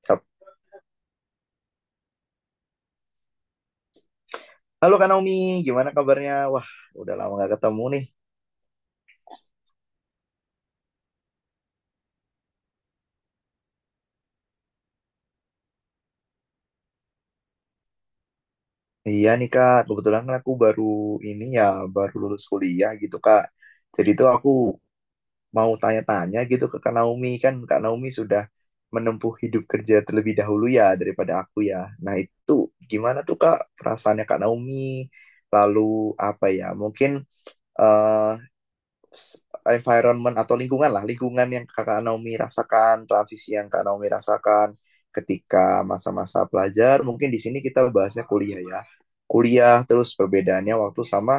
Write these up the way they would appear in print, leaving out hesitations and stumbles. Kap- Halo Kak Naomi, gimana kabarnya? Wah, udah lama gak ketemu nih. Iya nih Kak, kebetulan kan aku baru ini ya, baru lulus kuliah gitu Kak. Jadi tuh aku mau tanya-tanya gitu ke Kak Naomi. Kan Kak Naomi sudah menempuh hidup kerja terlebih dahulu ya daripada aku ya. Nah itu gimana tuh Kak perasaannya Kak Naomi? Lalu apa ya, mungkin eh, environment atau lingkungan lah, lingkungan yang Kakak Naomi rasakan, transisi yang Kak Naomi rasakan ketika masa-masa pelajar. Mungkin di sini kita bahasnya kuliah ya. Kuliah terus perbedaannya waktu sama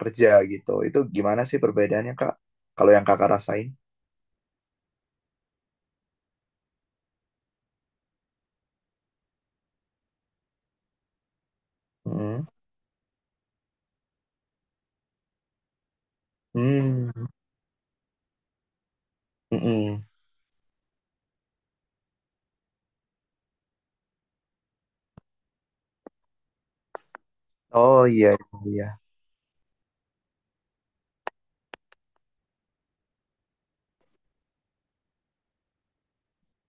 kerja gitu. Itu gimana sih perbedaannya, Kak? Kalau yang Kakak rasain? Hmm. Hmm. Mm-mm. Oh, iya, iya.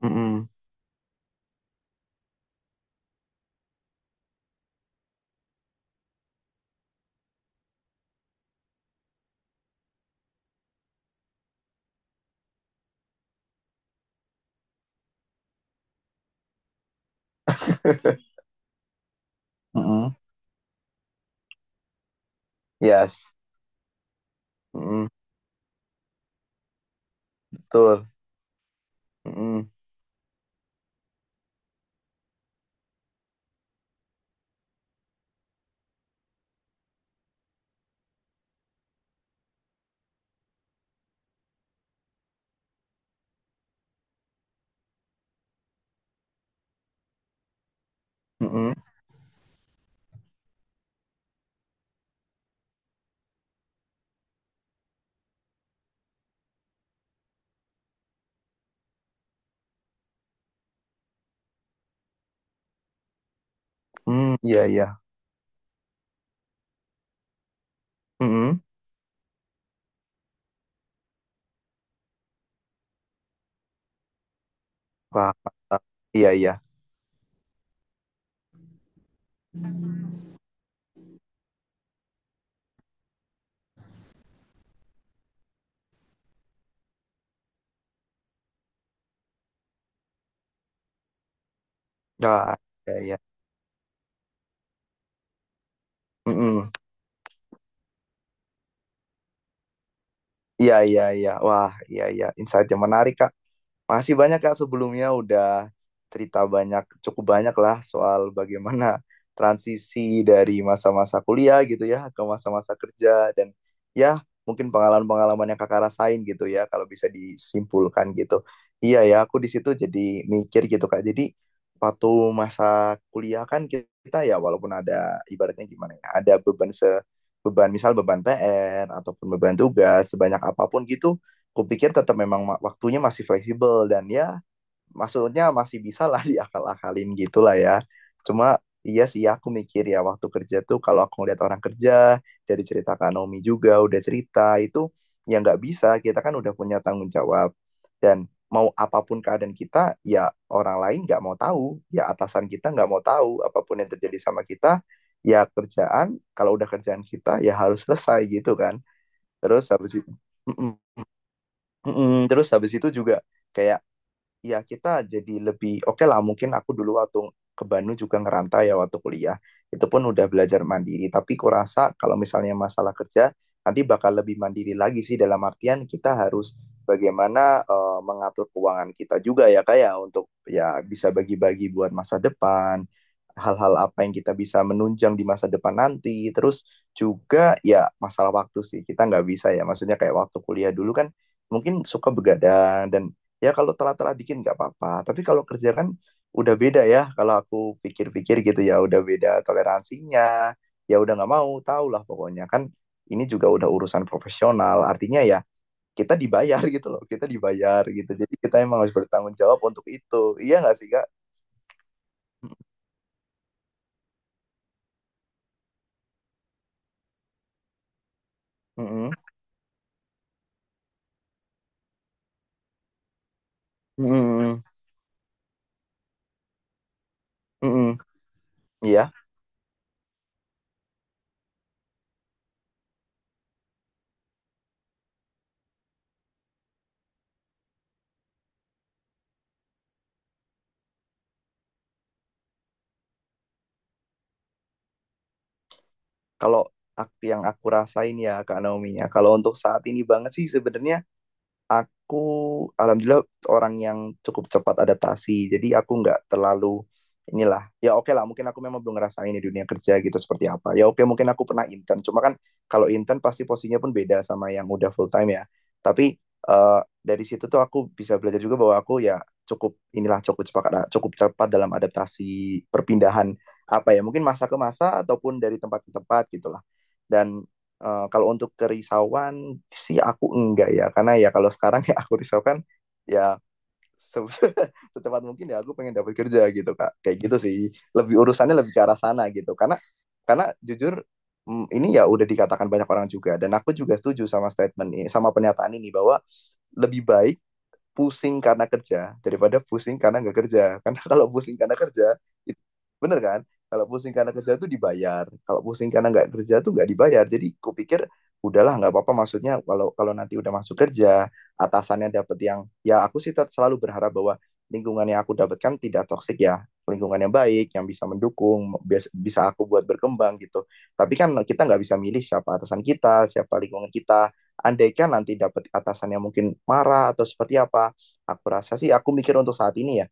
Mm-mm. Mm-mm. Yes. Mm-mm. Betul. Mm-mm. Mm-mm. Mm, iya, iya. Mm-mm. Wah. Iya, iya. Wah, iya, iya. Mm-mm. Iya, iya, iya. Wah, iya, iya. Insight yang menarik, Kak. Masih banyak Kak sebelumnya udah cerita banyak, cukup banyak lah soal bagaimana transisi dari masa-masa kuliah gitu ya ke masa-masa kerja dan ya mungkin pengalaman-pengalaman yang Kakak rasain gitu ya kalau bisa disimpulkan gitu. Iya ya, aku di situ jadi mikir gitu Kak. Jadi waktu masa kuliah kan kita ya walaupun ada ibaratnya gimana ya, ada beban misal beban PR ataupun beban tugas sebanyak apapun gitu kupikir tetap memang waktunya masih fleksibel dan ya maksudnya masih bisa lah diakal-akalin gitu lah ya. Cuma iya sih aku mikir ya waktu kerja tuh kalau aku ngeliat orang kerja dari cerita Kak Naomi juga udah cerita itu ya nggak bisa, kita kan udah punya tanggung jawab dan mau apapun keadaan kita ya orang lain nggak mau tahu ya atasan kita nggak mau tahu apapun yang terjadi sama kita ya kerjaan kalau udah kerjaan kita ya harus selesai gitu kan. Terus habis itu, mm-mm, terus habis itu juga kayak ya kita jadi lebih oke lah mungkin aku dulu waktu ke Bandung juga ngerantau ya waktu kuliah itu pun udah belajar mandiri tapi kurasa kalau misalnya masalah kerja nanti bakal lebih mandiri lagi sih dalam artian kita harus bagaimana mengatur keuangan kita juga ya kayak untuk ya bisa bagi-bagi buat masa depan hal-hal apa yang kita bisa menunjang di masa depan nanti terus juga ya masalah waktu sih kita nggak bisa ya maksudnya kayak waktu kuliah dulu kan mungkin suka begadang dan ya kalau telat-telat dikit nggak apa-apa tapi kalau kerja kan udah beda ya kalau aku pikir-pikir gitu ya udah beda toleransinya ya udah nggak mau tau lah pokoknya kan ini juga udah urusan profesional artinya ya kita dibayar gitu loh kita dibayar gitu jadi kita emang harus bertanggung jawab untuk itu, iya nggak sih kak? Mm-mm. Mm-mm. Mm-mm. Iya kalau yang aku rasain ya kak Naomi, ya kalau untuk saat ini banget sih sebenarnya. Aku alhamdulillah orang yang cukup cepat adaptasi. Jadi aku nggak terlalu inilah. Ya oke lah, mungkin aku memang belum ngerasain di dunia kerja gitu seperti apa. Ya oke, mungkin aku pernah intern. Cuma kan kalau intern pasti posisinya pun beda sama yang udah full time ya. Tapi dari situ tuh aku bisa belajar juga bahwa aku ya cukup inilah, cukup cepat dalam adaptasi perpindahan apa ya mungkin masa ke masa ataupun dari tempat ke tempat gitulah. Dan kalau untuk kerisauan sih aku enggak ya, karena ya kalau sekarang ya aku risaukan ya se- secepat mungkin ya aku pengen dapat kerja gitu kak, kayak gitu sih. Lebih urusannya lebih ke arah sana gitu, karena jujur ini ya udah dikatakan banyak orang juga dan aku juga setuju sama statement ini, sama pernyataan ini bahwa lebih baik pusing karena kerja daripada pusing karena nggak kerja. Karena kalau pusing karena kerja, itu, bener kan? Kalau pusing karena kerja tuh dibayar. Kalau pusing karena nggak kerja tuh nggak dibayar. Jadi kupikir udahlah nggak apa-apa. Maksudnya kalau kalau nanti udah masuk kerja, atasannya dapet yang ya aku sih selalu berharap bahwa lingkungan yang aku dapatkan tidak toksik, ya lingkungan yang baik yang bisa mendukung, bisa aku buat berkembang gitu, tapi kan kita nggak bisa milih siapa atasan kita siapa lingkungan kita. Andaikan nanti dapat atasan yang mungkin marah atau seperti apa, aku rasa sih aku mikir untuk saat ini ya,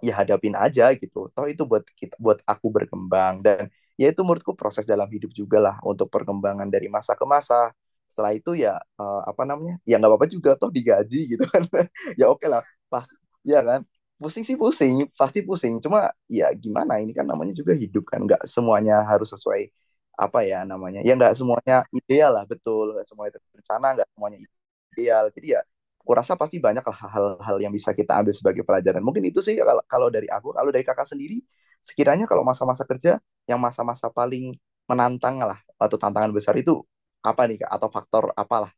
ya hadapin aja gitu. Toh itu buat kita, buat aku berkembang dan ya itu menurutku proses dalam hidup juga lah untuk perkembangan dari masa ke masa. Setelah itu ya apa namanya? Ya nggak apa-apa juga toh digaji gitu kan. Ya oke lah. Pas ya kan. Pusing sih pusing, pasti pusing. Cuma ya gimana ini kan namanya juga hidup kan nggak semuanya harus sesuai apa ya namanya. Ya nggak semuanya ideal lah betul. Nggak semuanya terencana, nggak semuanya ideal. Jadi ya kurasa pasti banyak hal-hal yang bisa kita ambil sebagai pelajaran. Mungkin itu sih kalau dari aku, kalau dari kakak sendiri, sekiranya kalau masa-masa kerja yang masa-masa paling menantang lah atau tantangan besar itu apa nih kak? Atau faktor apalah?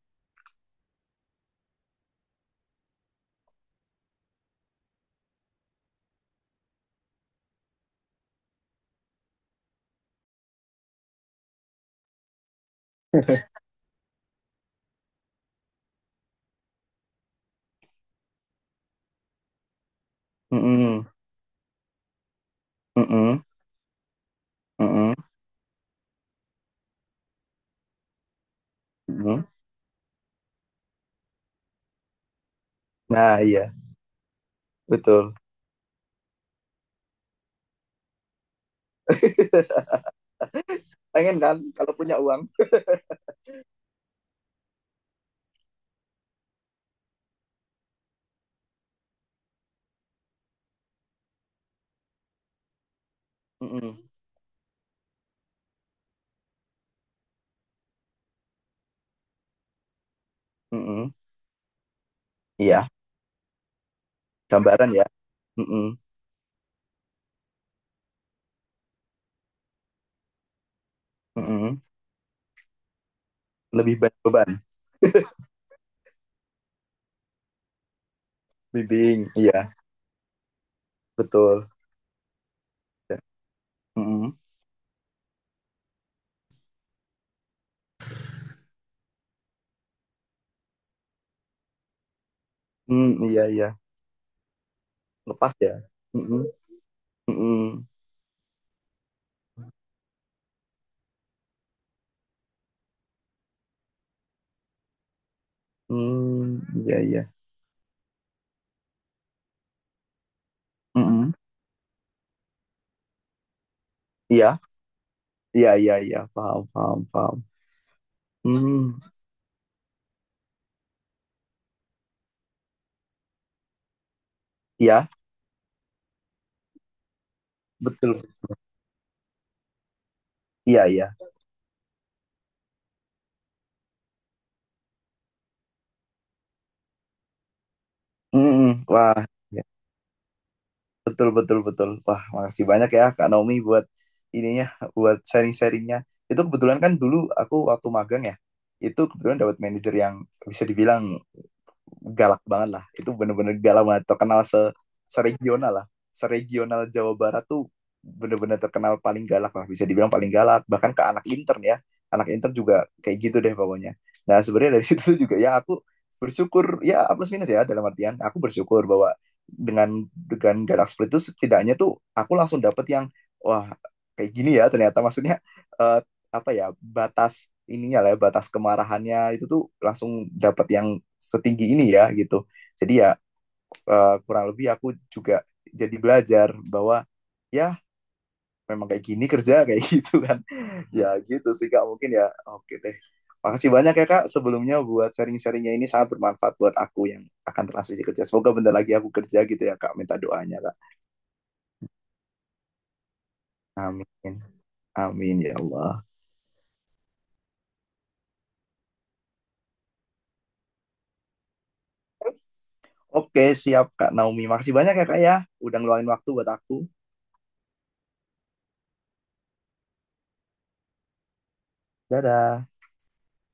Mm-mm, mm-mm, mm-mm, mm-mm. Nah iya betul. Pengen kan kalau punya uang? Mm-mm, mm-mm. Iya, gambaran ya. Mm-mm, mm-mm. Lebih banyak beban, bimbing. Iya betul. Ya. Mm-mm. Mm, iya, iya, lepas ya. Mm-mm. Mm-mm. Hmm, iya, iya. Mm-mm. Iya, iya, iya, iya, paham, paham, paham. Hmm, iya, betul. Iya, iya. Mm-mm. Wah, iya. Betul, betul, betul. Wah, makasih banyak ya Kak Naomi buat ininya, buat sharing-sharingnya. Itu kebetulan kan dulu aku waktu magang ya, itu kebetulan dapat manajer yang bisa dibilang galak banget lah, itu bener-bener galak banget, terkenal se regional lah, seregional Jawa Barat tuh, bener-bener terkenal paling galak lah, bisa dibilang paling galak bahkan ke anak intern ya, anak intern juga kayak gitu deh pokoknya. Nah sebenarnya dari situ juga ya aku bersyukur ya, A plus minus ya, dalam artian aku bersyukur bahwa dengan galak seperti itu setidaknya tuh aku langsung dapet yang wah, kayak gini ya ternyata, maksudnya eh, apa ya, batas ininya lah ya, batas kemarahannya itu tuh langsung dapat yang setinggi ini ya gitu. Jadi ya kurang lebih aku juga jadi belajar bahwa ya memang kayak gini kerja kayak gitu kan. Ya gitu sih kak, mungkin ya oke deh, makasih banyak ya kak sebelumnya buat sharing-sharingnya, ini sangat bermanfaat buat aku yang akan transisi kerja, semoga bentar lagi aku kerja gitu ya kak, minta doanya kak. Amin, amin ya Allah. Oke siap kak Naomi, makasih banyak ya kak ya udah ngeluangin waktu buat aku. Dadah.